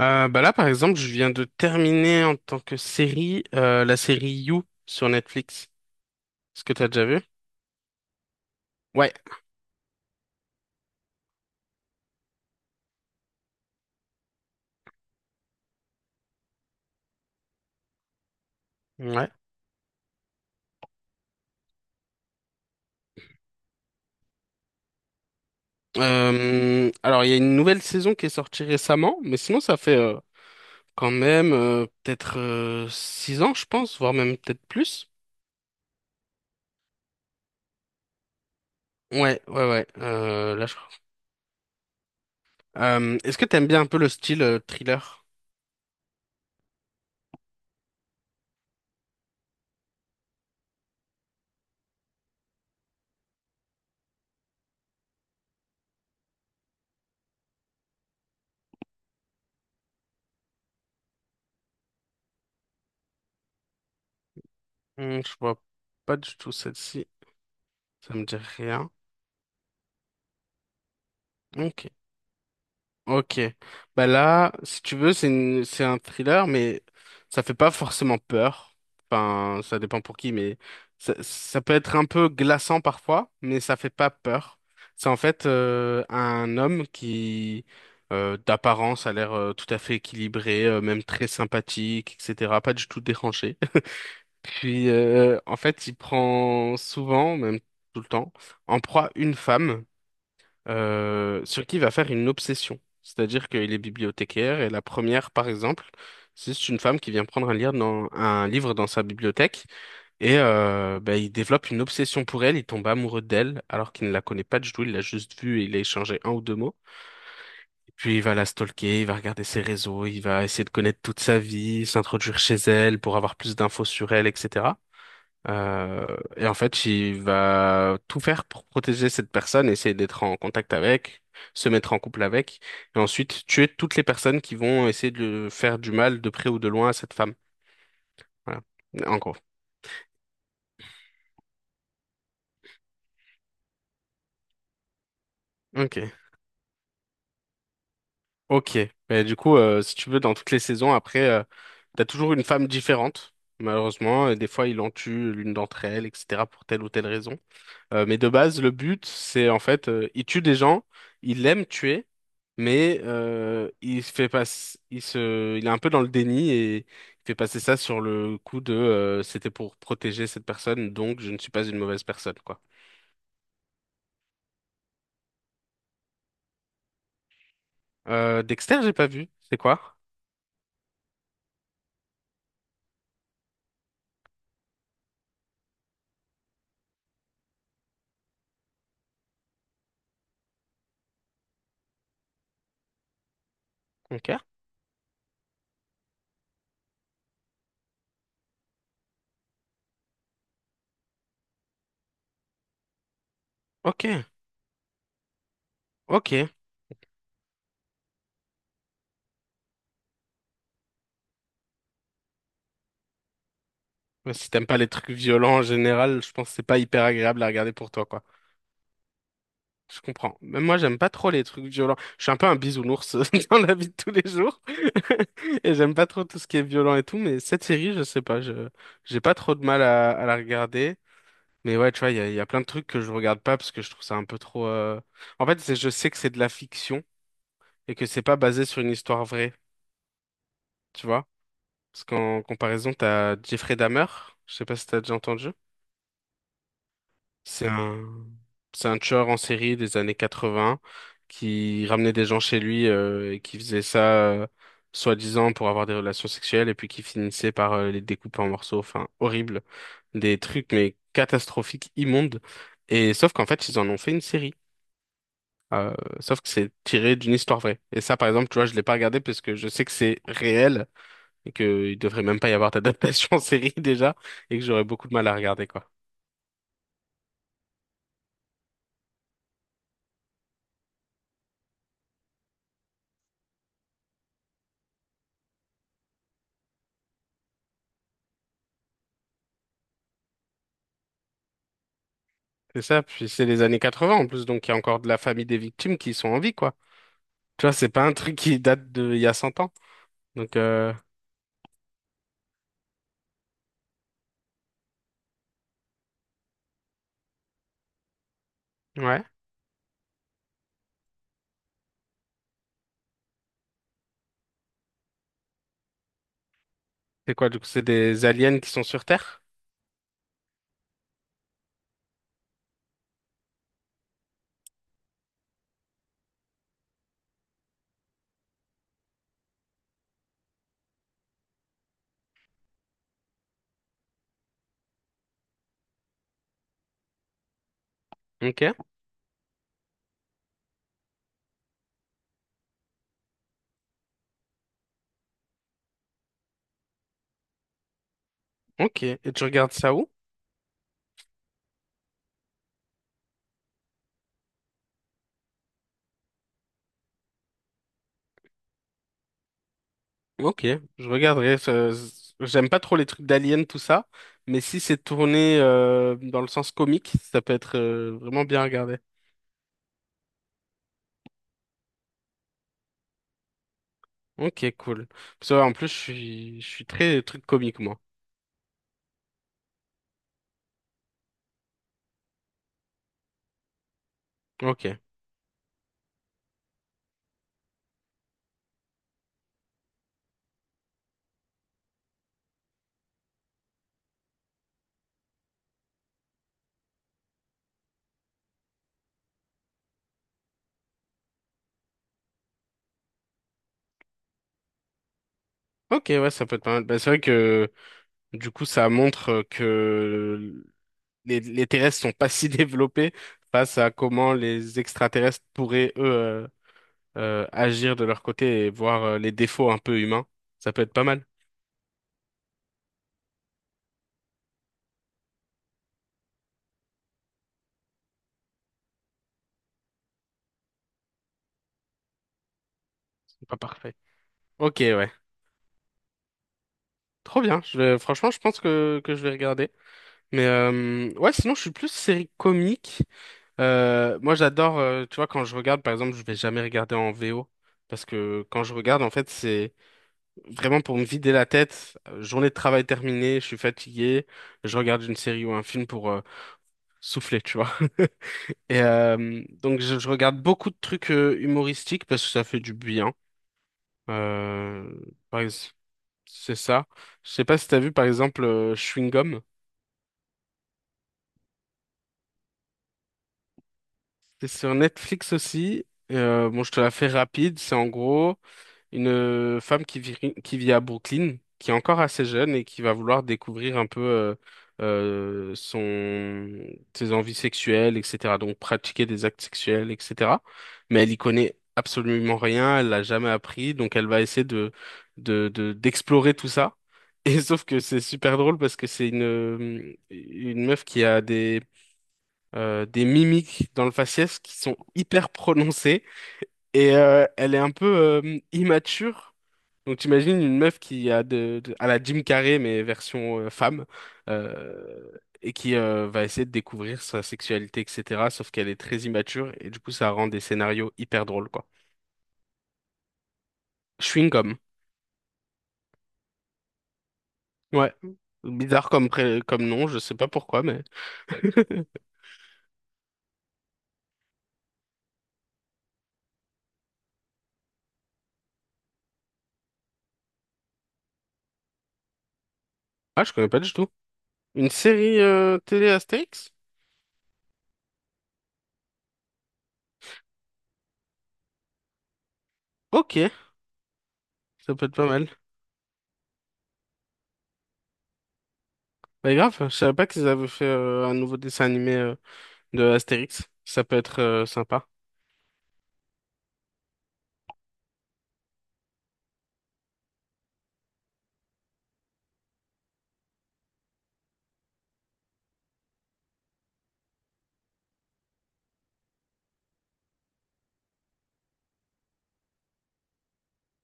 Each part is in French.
Bah là, par exemple, je viens de terminer en tant que série la série You sur Netflix. Est-ce que t'as déjà vu? Ouais. Ouais. Alors, il y a une nouvelle saison qui est sortie récemment, mais sinon, ça fait quand même peut-être six ans, je pense, voire même peut-être plus. Ouais, ouais, ouais. Là, je crois. Est-ce que t'aimes bien un peu le style thriller? Hmm, je vois pas du tout celle-ci. Ça me dit rien. Ok. Ok. Bah là, si tu veux, c'est un thriller, mais ça fait pas forcément peur. Enfin, ça dépend pour qui, mais ça peut être un peu glaçant parfois, mais ça fait pas peur. C'est en fait un homme d'apparence, a l'air tout à fait équilibré, même très sympathique, etc. Pas du tout dérangé. Puis, en fait, il prend souvent, même tout le temps, en proie une femme sur qui il va faire une obsession. C'est-à-dire qu'il est bibliothécaire et la première, par exemple, c'est une femme qui vient prendre un livre dans un livre dans sa bibliothèque et ben, il développe une obsession pour elle, il tombe amoureux d'elle alors qu'il ne la connaît pas du tout, il l'a juste vue et il a échangé un ou deux mots. Puis il va la stalker, il va regarder ses réseaux, il va essayer de connaître toute sa vie, s'introduire chez elle pour avoir plus d'infos sur elle, etc. Euh, et en fait, il va tout faire pour protéger cette personne, essayer d'être en contact avec, se mettre en couple avec, et ensuite tuer toutes les personnes qui vont essayer de faire du mal de près ou de loin à cette femme. Voilà. En gros. Ok. Ok. Mais du coup, si tu veux, dans toutes les saisons, après, t'as toujours une femme différente, malheureusement, et des fois, il en tue l'une d'entre elles, etc., pour telle ou telle raison. Mais de base, le but, c'est en fait, il tue des gens, il aime tuer, mais il se fait pas, il est un peu dans le déni et il fait passer ça sur le coup de, c'était pour protéger cette personne, donc je ne suis pas une mauvaise personne, quoi. Dexter, j'ai pas vu. C'est quoi? Ok. Ok, ok. Ouais, si t'aimes pas les trucs violents en général, je pense que c'est pas hyper agréable à regarder pour toi, quoi. Je comprends. Même moi, j'aime pas trop les trucs violents. Je suis un peu un bisounours dans la vie de tous les jours. Et j'aime pas trop tout ce qui est violent et tout. Mais cette série, je sais pas, je j'ai pas trop de mal à la regarder. Mais ouais, tu vois, il y a plein de trucs que je regarde pas parce que je trouve ça un peu trop. En fait, je sais que c'est de la fiction et que c'est pas basé sur une histoire vraie, tu vois. Parce qu'en comparaison, t'as Jeffrey Dahmer. Je sais pas si t'as déjà entendu. C'est un, c'est un tueur en série des années 80 qui ramenait des gens chez lui et qui faisait ça soi-disant pour avoir des relations sexuelles et puis qui finissait par les découper en morceaux. Enfin, horrible. Des trucs, mais catastrophiques, immondes. Et sauf qu'en fait, ils en ont fait une série. Euh, sauf que c'est tiré d'une histoire vraie. Et ça, par exemple, tu vois, je l'ai pas regardé parce que je sais que c'est réel et qu'il devrait même pas y avoir d'adaptation en série déjà et que j'aurais beaucoup de mal à regarder, quoi. C'est ça, puis c'est les années 80 en plus, donc il y a encore de la famille des victimes qui sont en vie, quoi. Tu vois, c'est pas un truc qui date de il y a 100 ans. Donc, ouais. C'est quoi, du coup, c'est des aliens qui sont sur Terre? Ok, ok. Et tu regardes ça où? Ok, je regarderai. J'aime pas trop les trucs d'aliens, tout ça, mais si c'est tourné dans le sens comique, ça peut être vraiment bien regardé. Ok, cool. Parce que, ouais, en plus, je suis très truc comique, moi. Ok. Ok, ouais, ça peut être pas mal. Bah, c'est vrai que du coup, ça montre que les terrestres sont pas si développés face à comment les extraterrestres pourraient, eux, agir de leur côté et voir les défauts un peu humains. Ça peut être pas mal. C'est pas parfait. Ok, ouais. Trop bien. Franchement, je pense que je vais regarder. Mais ouais, sinon, je suis plus série comique. Moi, j'adore, tu vois, quand je regarde, par exemple, je vais jamais regarder en VO. Parce que quand je regarde, en fait, c'est vraiment pour me vider la tête. Journée de travail terminée, je suis fatigué, je regarde une série ou un film pour souffler, tu vois. Et donc je regarde beaucoup de trucs humoristiques parce que ça fait du bien. Euh, par ex- c'est ça. Je sais pas si t'as vu par exemple Chewing Gum. C'est sur Netflix aussi. Bon, je te la fais rapide. C'est en gros, une femme qui vit à Brooklyn, qui est encore assez jeune et qui va vouloir découvrir un peu euh, son, ses envies sexuelles, etc. Donc pratiquer des actes sexuels, etc. Mais elle y connaît absolument rien, elle l'a jamais appris, donc elle va essayer d'explorer tout ça. Et sauf que c'est super drôle parce que c'est une meuf qui a des mimiques dans le faciès qui sont hyper prononcées et elle est un peu immature. Donc t'imagines une meuf qui a à la Jim Carrey mais version femme euh, et qui va essayer de découvrir sa sexualité etc. Sauf qu'elle est très immature et du coup ça rend des scénarios hyper drôles quoi. Chewing-gum. Ouais. Bizarre comme comme nom, je sais pas pourquoi mais ah je connais pas du tout. Une série télé Astérix? Ok, ça peut être pas mal. Bah grave, je savais pas qu'ils avaient fait un nouveau dessin animé de Astérix. Ça peut être sympa.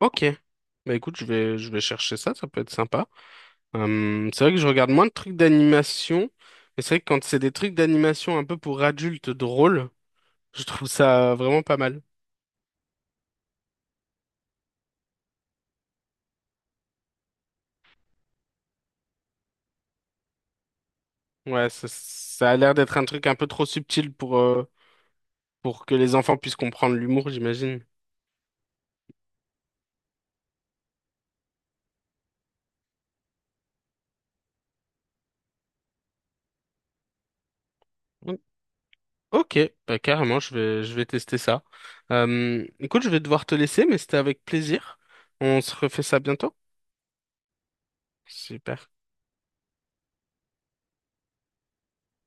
Ok. Bah écoute, je vais chercher ça, ça peut être sympa. C'est vrai que je regarde moins de trucs d'animation, mais c'est vrai que quand c'est des trucs d'animation un peu pour adultes drôles, je trouve ça vraiment pas mal. Ouais, ça a l'air d'être un truc un peu trop subtil pour que les enfants puissent comprendre l'humour, j'imagine. Mm. Ok, bah carrément, je vais tester ça. Écoute, je vais devoir te laisser, mais c'était avec plaisir. On se refait ça bientôt. Super.